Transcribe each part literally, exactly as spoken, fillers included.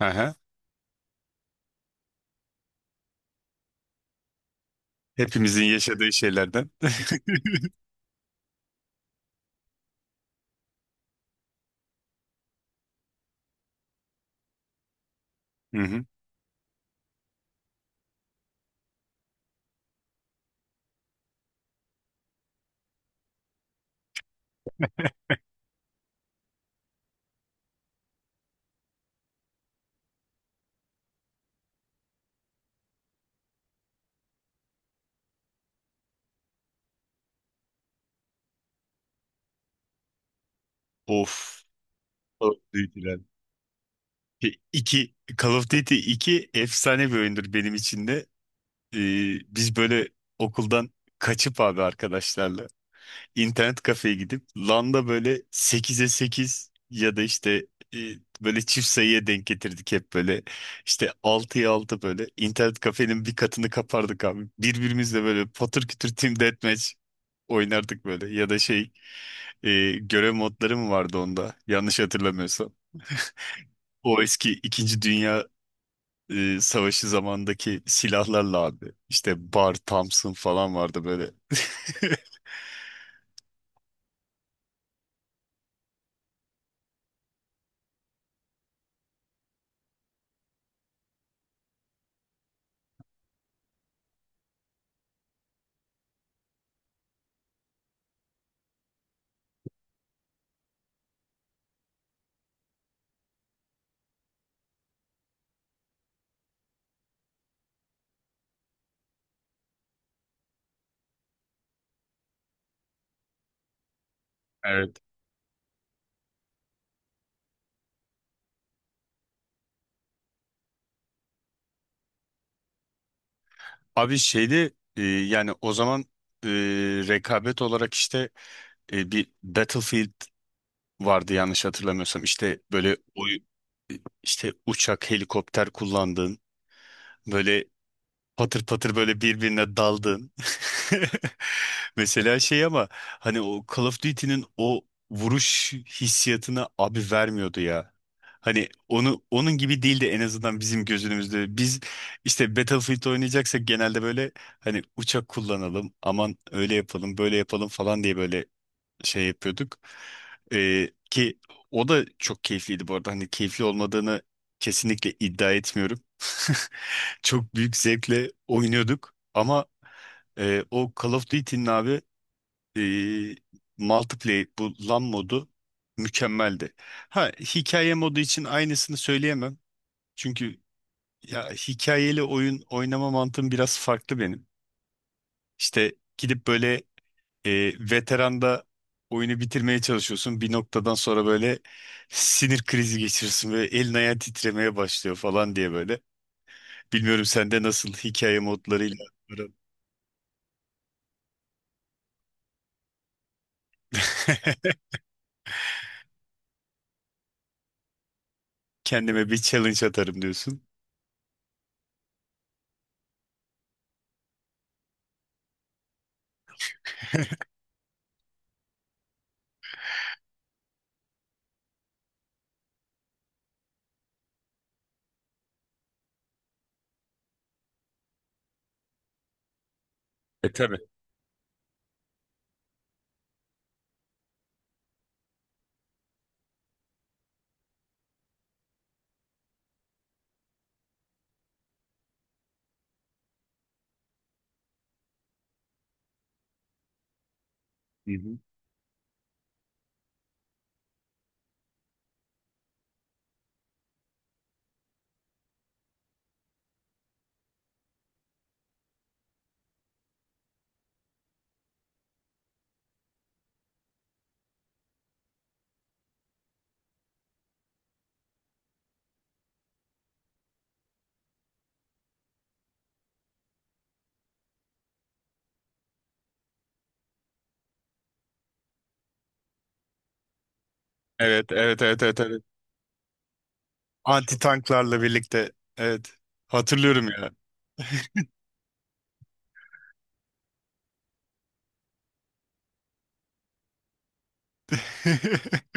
Aha. Hepimizin yaşadığı şeylerden. Hı hı. Of. Call of Duty'ler. E, İki, Call of Duty iki efsane bir oyundur benim için de. Ee, biz böyle okuldan kaçıp abi arkadaşlarla internet kafeye gidip L A N'da böyle sekize sekiz ya da işte e, böyle çift sayıya denk getirdik hep böyle. İşte altıya altı, böyle internet kafenin bir katını kapardık abi. Birbirimizle böyle patır kütür team deathmatch oynardık, böyle ya da şey e, görev modları mı vardı onda? Yanlış hatırlamıyorsam. O eski İkinci Dünya e, Savaşı zamandaki silahlarla abi. İşte Bar, Thompson falan vardı böyle. Evet. Abi şeyde e, yani o zaman, e, rekabet olarak işte e, bir Battlefield vardı yanlış hatırlamıyorsam. İşte böyle oy, işte uçak, helikopter kullandığın, böyle patır patır böyle birbirine daldın. Mesela şey, ama hani o Call of Duty'nin o vuruş hissiyatını abi vermiyordu ya. Hani onu onun gibi değildi, en azından bizim gözümüzde. Biz işte Battlefield oynayacaksak genelde böyle hani uçak kullanalım, aman öyle yapalım, böyle yapalım falan diye böyle şey yapıyorduk. Ee, ki o da çok keyifliydi bu arada. Hani keyifli olmadığını kesinlikle iddia etmiyorum. Çok büyük zevkle oynuyorduk, ama e, o Call of Duty'nin abi, e, multiplayer, bu LAN modu mükemmeldi. Ha, hikaye modu için aynısını söyleyemem. Çünkü ya, hikayeli oyun oynama mantığım biraz farklı benim. İşte gidip böyle, e, veteranda oyunu bitirmeye çalışıyorsun. Bir noktadan sonra böyle sinir krizi geçirirsin ve elin ayağın titremeye başlıyor falan diye böyle. Bilmiyorum sende nasıl hikaye modlarıyla aran? Kendime bir challenge atarım diyorsun. E, tabii. Hı hı. Evet, evet, evet, evet, evet. Anti tanklarla birlikte. Evet. Hatırlıyorum ya.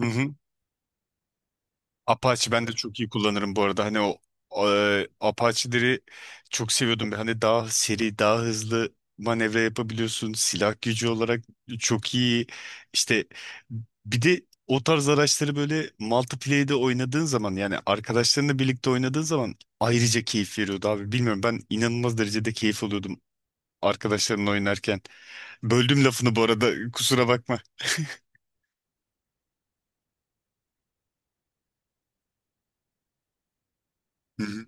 Hı hı. Apache ben de çok iyi kullanırım bu arada. Hani o, e, Apache'leri çok seviyordum. Hani daha seri, daha hızlı manevra yapabiliyorsun. Silah gücü olarak çok iyi. İşte bir de o tarz araçları böyle multiplayer'de oynadığın zaman, yani arkadaşlarınla birlikte oynadığın zaman ayrıca keyif veriyordu abi. Bilmiyorum, ben inanılmaz derecede keyif alıyordum arkadaşlarımla oynarken. Böldüm lafını bu arada, kusura bakma. Hı hı.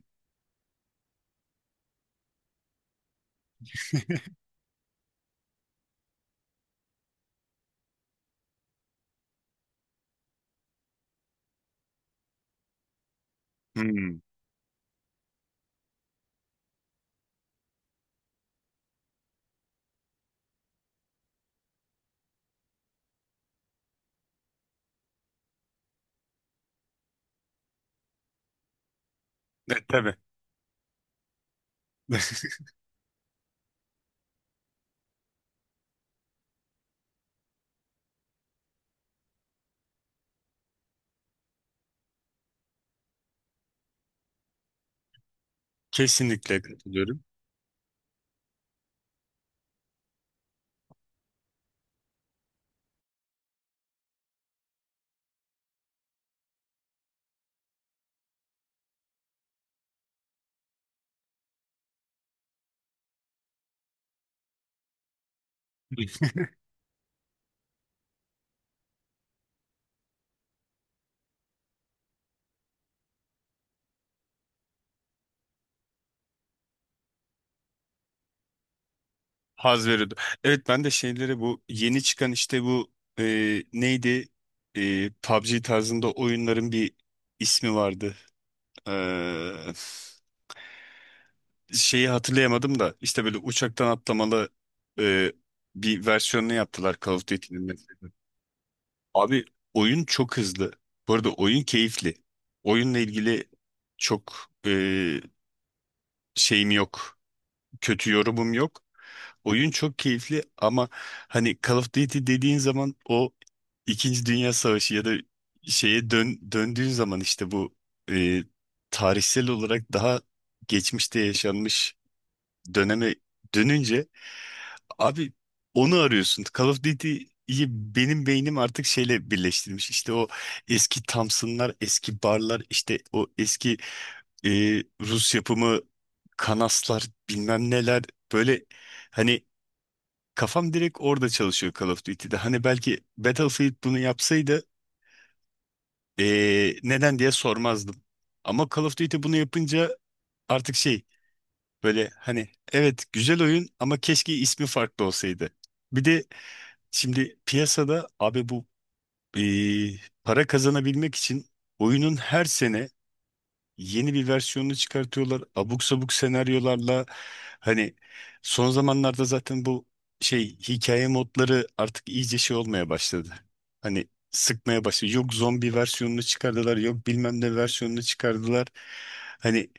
Hmm. E, tabii. Kesinlikle katılıyorum. Haz veriyordu. Evet, ben de şeyleri, bu yeni çıkan işte bu, e, neydi, E, P U B G tarzında oyunların bir ismi vardı. E, şeyi hatırlayamadım da, işte böyle uçaktan atlamalı e, bir versiyonunu yaptılar Call of Duty'nin mesela. Abi, oyun çok hızlı. Bu arada oyun keyifli. Oyunla ilgili çok e, şeyim yok. Kötü yorumum yok. Oyun çok keyifli, ama hani Call of Duty dediğin zaman o İkinci Dünya Savaşı ya da şeye dön, döndüğün zaman işte bu, e, tarihsel olarak daha geçmişte yaşanmış döneme dönünce abi onu arıyorsun. Call of Duty'yi benim beynim artık şeyle birleştirmiş. İşte o eski Thompson'lar, eski barlar, işte o eski, e, Rus yapımı kanaslar, bilmem neler, böyle hani. Kafam direkt orada çalışıyor Call of Duty'de. Hani belki Battlefield bunu yapsaydı eee, neden diye sormazdım. Ama Call of Duty bunu yapınca artık şey, böyle hani evet, güzel oyun ama keşke ismi farklı olsaydı. Bir de şimdi piyasada abi bu, eee, para kazanabilmek için oyunun her sene yeni bir versiyonunu çıkartıyorlar. Abuk sabuk senaryolarla, hani son zamanlarda zaten bu şey, hikaye modları artık iyice şey olmaya başladı. Hani sıkmaya başladı. Yok zombi versiyonunu çıkardılar, yok bilmem ne versiyonunu çıkardılar. Hani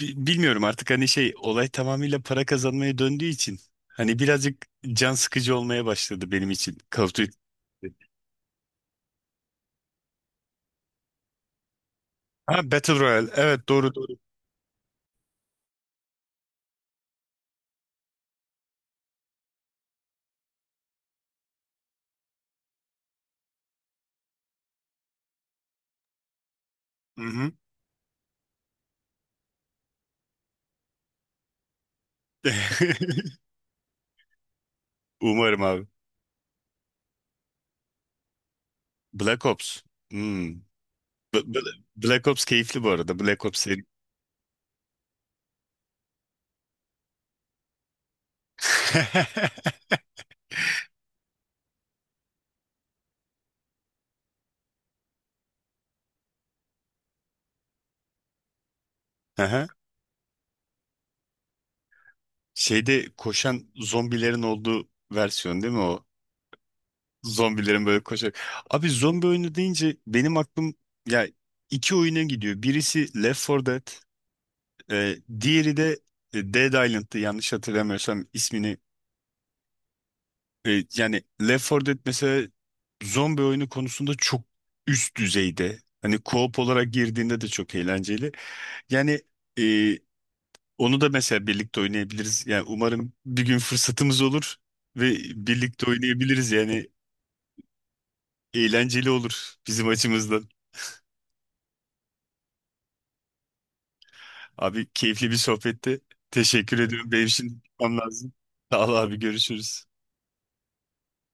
bi- bilmiyorum artık, hani şey, olay tamamıyla para kazanmaya döndüğü için hani birazcık can sıkıcı olmaya başladı benim için Call of Duty. Ha, Battle Royale. Evet, doğru doğru. Hı hı. Umarım abi. Black Ops. Hmm. B- B- Black Ops keyifli bu arada. Black Ops seri. Aha. Şeyde koşan zombilerin olduğu versiyon değil mi o? Zombilerin böyle koşarak. Abi, zombi oyunu deyince benim aklım ya iki oyuna gidiyor. Birisi Left for Dead, e, diğeri de e, Dead Island'tı yanlış hatırlamıyorsam ismini. E, yani Left for Dead mesela zombi oyunu konusunda çok üst düzeyde. Hani co-op olarak girdiğinde de çok eğlenceli. Yani, e, onu da mesela birlikte oynayabiliriz. Yani umarım bir gün fırsatımız olur ve birlikte oynayabiliriz. Yani eğlenceli olur bizim açımızdan. Abi, keyifli bir sohbetti. Teşekkür ediyorum. Benim şimdi gitmem lazım. Sağ ol abi, görüşürüz.